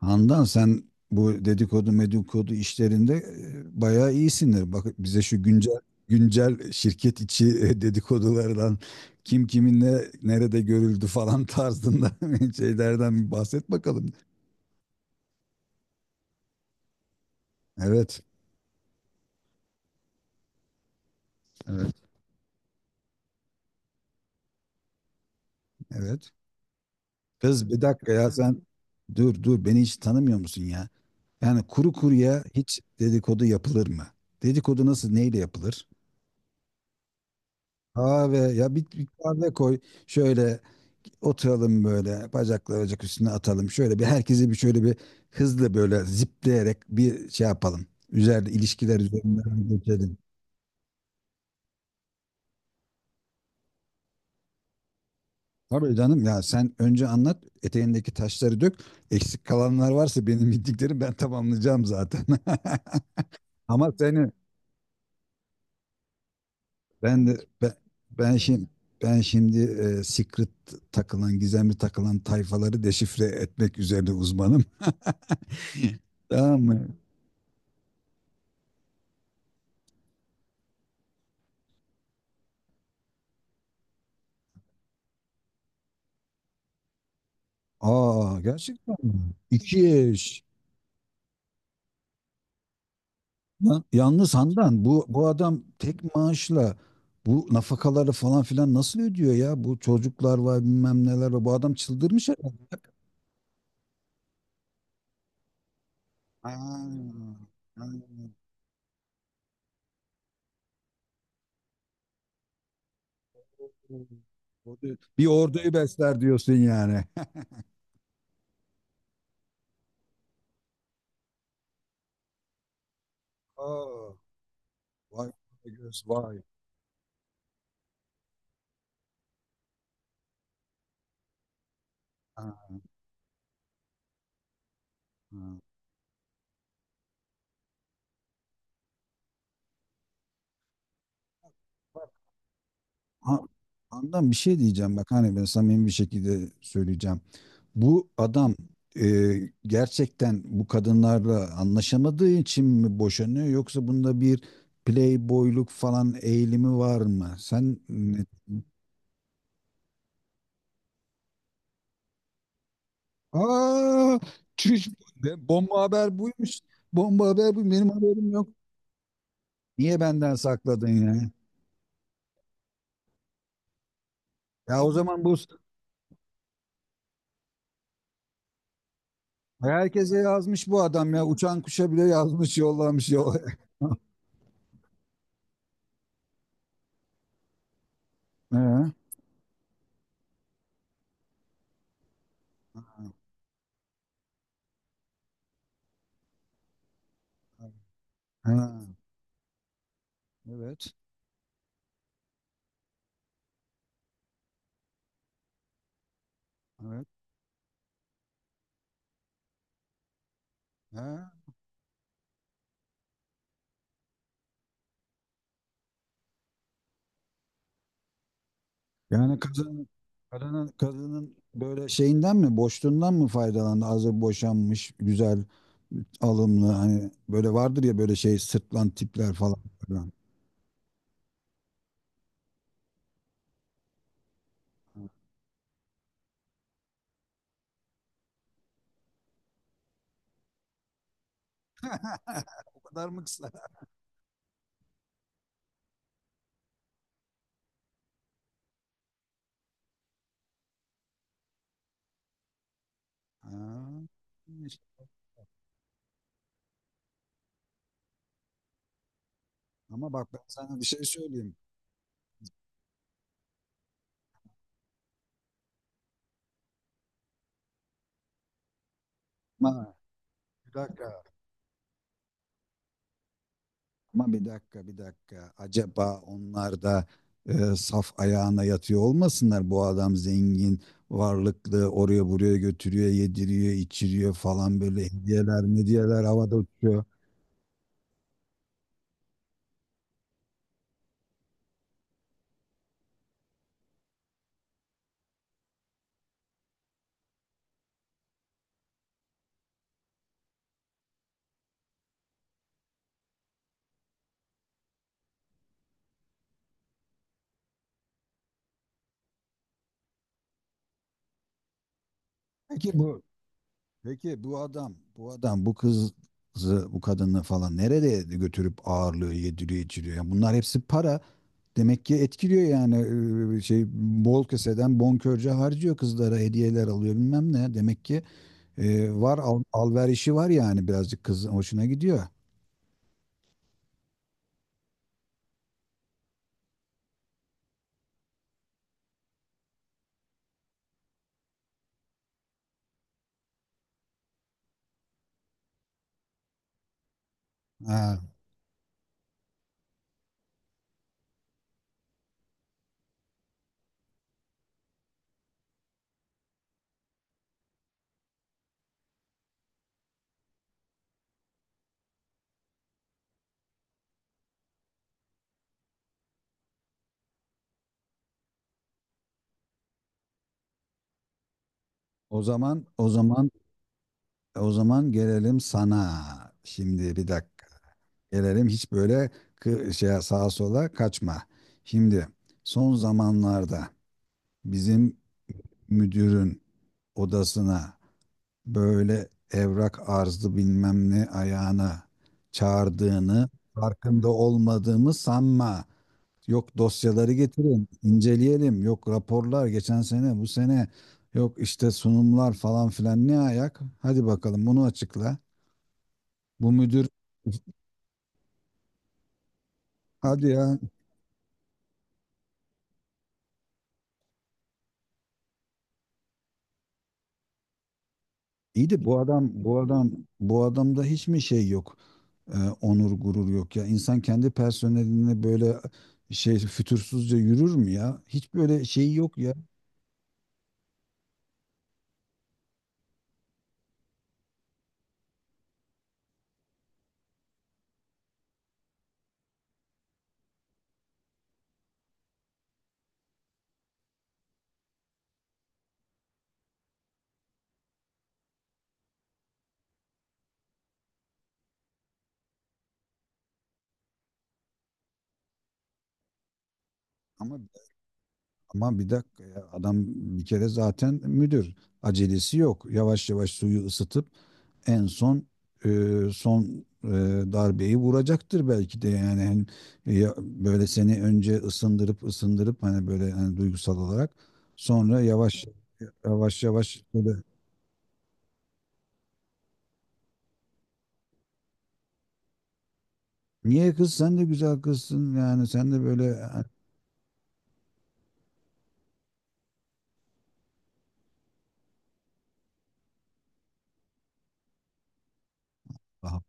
Handan, sen bu dedikodu medikodu işlerinde bayağı iyisindir. Bak bize şu güncel güncel şirket içi dedikodulardan kim kiminle nerede görüldü falan tarzında şeylerden bir bahset bakalım. Evet, evet, evet. Kız, bir dakika ya, sen dur dur, beni hiç tanımıyor musun ya? Yani kuru kuruya hiç dedikodu yapılır mı? Dedikodu nasıl, neyle yapılır? Kahve, ya bir kahve koy şöyle. Oturalım, böyle bacakları bacak üstüne atalım. Şöyle bir herkesi bir şöyle bir hızlı böyle zipleyerek bir şey yapalım. Üzerinde ilişkiler üzerinden geçelim. Tabii canım, ya sen önce anlat, eteğindeki taşları dök. Eksik kalanlar varsa benim bildiklerim, ben tamamlayacağım zaten. Ama seni ben de ben, ben şimdi ben şimdi secret takılan, gizemli takılan tayfaları deşifre etmek üzerine uzmanım. Tamam mı? Aa, gerçekten mi? İki eş. Yalnız Handan, bu adam tek maaşla bu nafakaları falan filan nasıl ödüyor ya? Bu çocuklar var, bilmem neler var. Bu adam çıldırmış herhalde. Ha, ha. Bir orduyu besler diyorsun yani. Aa, vay be, göz vay. Ha, ha. Ha, Handan, bir şey diyeceğim bak, hani ben samimi bir şekilde söyleyeceğim. Bu adam e, gerçekten bu kadınlarla anlaşamadığı için mi boşanıyor, yoksa bunda bir playboyluk falan eğilimi var mı? Aa, çüş, bomba haber buymuş. Bomba haber bu. Benim haberim yok. Niye benden sakladın ya? Ya o zaman bu herkese yazmış bu adam ya. Uçan kuşa bile yazmış, yollamış yolla. Ha, ha, evet. Evet. Ha. Yani kadının böyle şeyinden mi, boşluğundan mı faydalandı? Hazır boşanmış, güzel, alımlı, hani böyle vardır ya, böyle şey sırtlan tipler falan filan. O kadar mı kısa? Ha, işte. Ama bak, ben sana bir şey söyleyeyim. Ha, bir dakika. Ama bir dakika, bir dakika. Acaba onlar da saf ayağına yatıyor olmasınlar? Bu adam zengin, varlıklı, oraya buraya götürüyor, yediriyor, içiriyor falan, böyle hediyeler, medyeler havada uçuyor. Peki bu peki bu adam, bu adam, bu kızı, bu kadını falan nerede götürüp ağırlıyor, yediriyor, içiriyor? Yani bunlar hepsi para. Demek ki etkiliyor yani, şey, bol keseden bonkörce harcıyor, kızlara hediyeler alıyor bilmem ne. Demek ki var, alverişi var yani, birazcık kız hoşuna gidiyor. Ha, o zaman o zaman o zaman gelelim sana. Şimdi bir dakika. Gelelim, hiç böyle şey, sağa sola kaçma. Şimdi son zamanlarda bizim müdürün odasına böyle evrak arzı bilmem ne ayağına çağırdığını, farkında olmadığımı sanma. Yok, dosyaları getirin, inceleyelim. Yok, raporlar geçen sene, bu sene. Yok işte sunumlar falan filan, ne ayak? Hadi bakalım, bunu açıkla. Bu müdür, hadi ya. İyi de bu adamda hiç mi şey yok? Onur gurur yok ya. İnsan kendi personeline böyle şey fütursuzca yürür mü ya? Hiç böyle şey yok ya. Ama Ama bir dakika ya, adam bir kere zaten müdür. Acelesi yok. Yavaş yavaş suyu ısıtıp en son e, son e, darbeyi vuracaktır belki de yani. Hani, böyle seni önce ısındırıp ısındırıp, hani böyle, hani duygusal olarak sonra yavaş yavaş böyle. Niye kız, sen de güzel kızsın yani, sen de böyle. "Ah,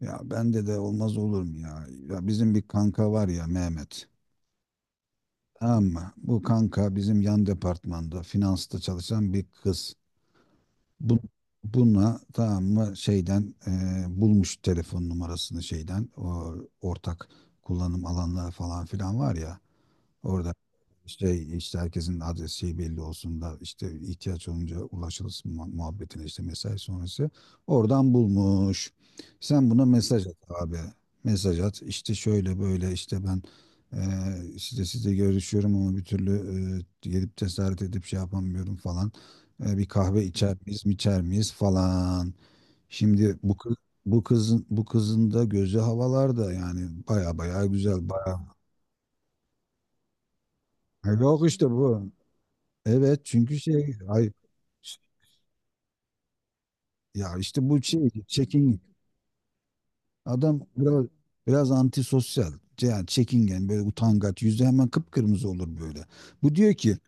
ya bende de olmaz olur mu ya? Ya bizim bir kanka var ya, Mehmet. Tamam mı? Bu kanka bizim yan departmanda finansta çalışan bir kız. Bu, buna tamam mı, şeyden bulmuş telefon numarasını, şeyden, o ortak kullanım alanları falan filan var ya. Orada işte herkesin adresi belli olsun da işte ihtiyaç olunca ulaşılsın muhabbetine, işte mesai sonrası. Oradan bulmuş. Sen buna mesaj at abi. Mesaj at. İşte şöyle böyle işte ben size görüşüyorum ama bir türlü gelip cesaret edip şey yapamıyorum falan. Bir kahve içer miyiz falan. Şimdi bu kızın da gözü havalarda yani, baya baya güzel, baya. Yok işte bu. Evet, çünkü şey, ay, ya işte bu şey çekingen. Adam biraz antisosyal. Yani çekingen, böyle utangaç, yüzü hemen kıpkırmızı olur böyle. Bu diyor ki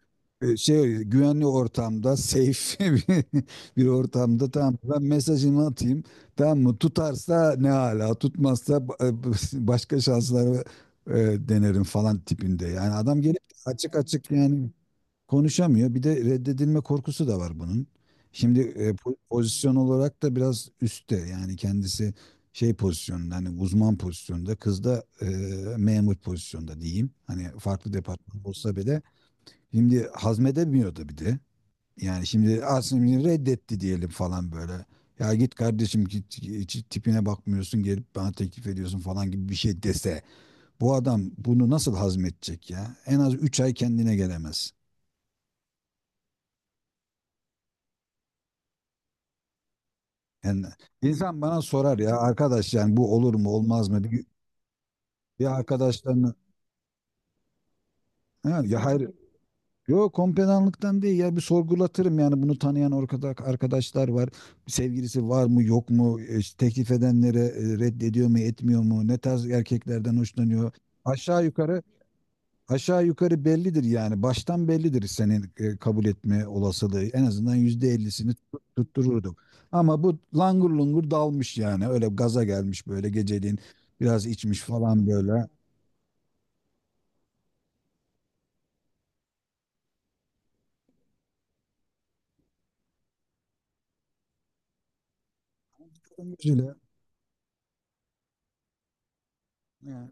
şey, güvenli ortamda, safe, bir bir ortamda, tamam, ben mesajımı atayım, tamam mı, tutarsa ne hala, tutmazsa başka şansları denerim falan tipinde. Yani adam gelip açık açık yani konuşamıyor. Bir de reddedilme korkusu da var bunun. Şimdi pozisyon olarak da biraz üstte yani, kendisi şey pozisyonunda, hani uzman pozisyonda, kız da memur pozisyonda diyeyim. Hani farklı departman olsa bile şimdi hazmedemiyordu bir de. Yani şimdi aslında reddetti diyelim falan böyle. Ya git kardeşim, git, hiç tipine bakmıyorsun, gelip bana teklif ediyorsun falan gibi bir şey dese, bu adam bunu nasıl hazmedecek ya? En az 3 ay kendine gelemez. Yani insan bana sorar ya arkadaş, yani bu olur mu olmaz mı? Bir arkadaşlarını. Ha, ya hayır, yok, kompedanlıktan değil ya, bir sorgulatırım yani, bunu tanıyan ortada arkadaşlar var. Sevgilisi var mı yok mu? İşte teklif edenlere reddediyor mu etmiyor mu? Ne tarz erkeklerden hoşlanıyor? Aşağı yukarı Aşağı yukarı bellidir yani, baştan bellidir senin kabul etme olasılığı, en azından %50'sini tuttururduk. Ama bu langur lungur dalmış yani, öyle gaza gelmiş böyle, geceliğin biraz içmiş falan böyle. Gözüyle, yani,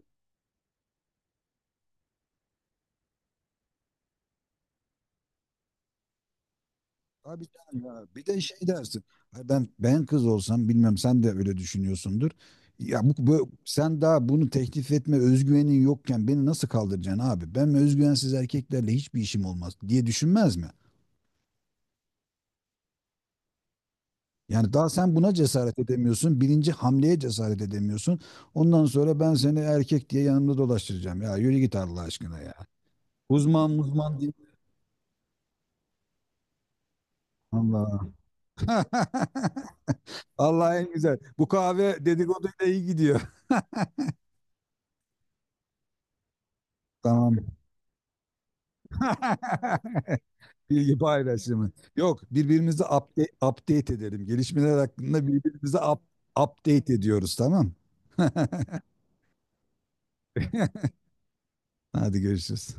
abi canım ya, bir de şey dersin. Ay, ben kız olsam, bilmem, sen de öyle düşünüyorsundur. Ya bu sen daha bunu teklif etme özgüvenin yokken beni nasıl kaldıracaksın abi? Ben özgüvensiz erkeklerle hiçbir işim olmaz diye düşünmez mi? Yani daha sen buna cesaret edemiyorsun. Birinci hamleye cesaret edemiyorsun. Ondan sonra ben seni erkek diye yanımda dolaştıracağım. Ya yürü git Allah aşkına ya. Uzman uzman değil. Allah. Allah en güzel. Bu kahve dedikoduyla iyi gidiyor. Tamam. Bilgi paylaşımı. Yok, birbirimizi update edelim. Gelişmeler hakkında birbirimizi update ediyoruz, tamam? Hadi görüşürüz.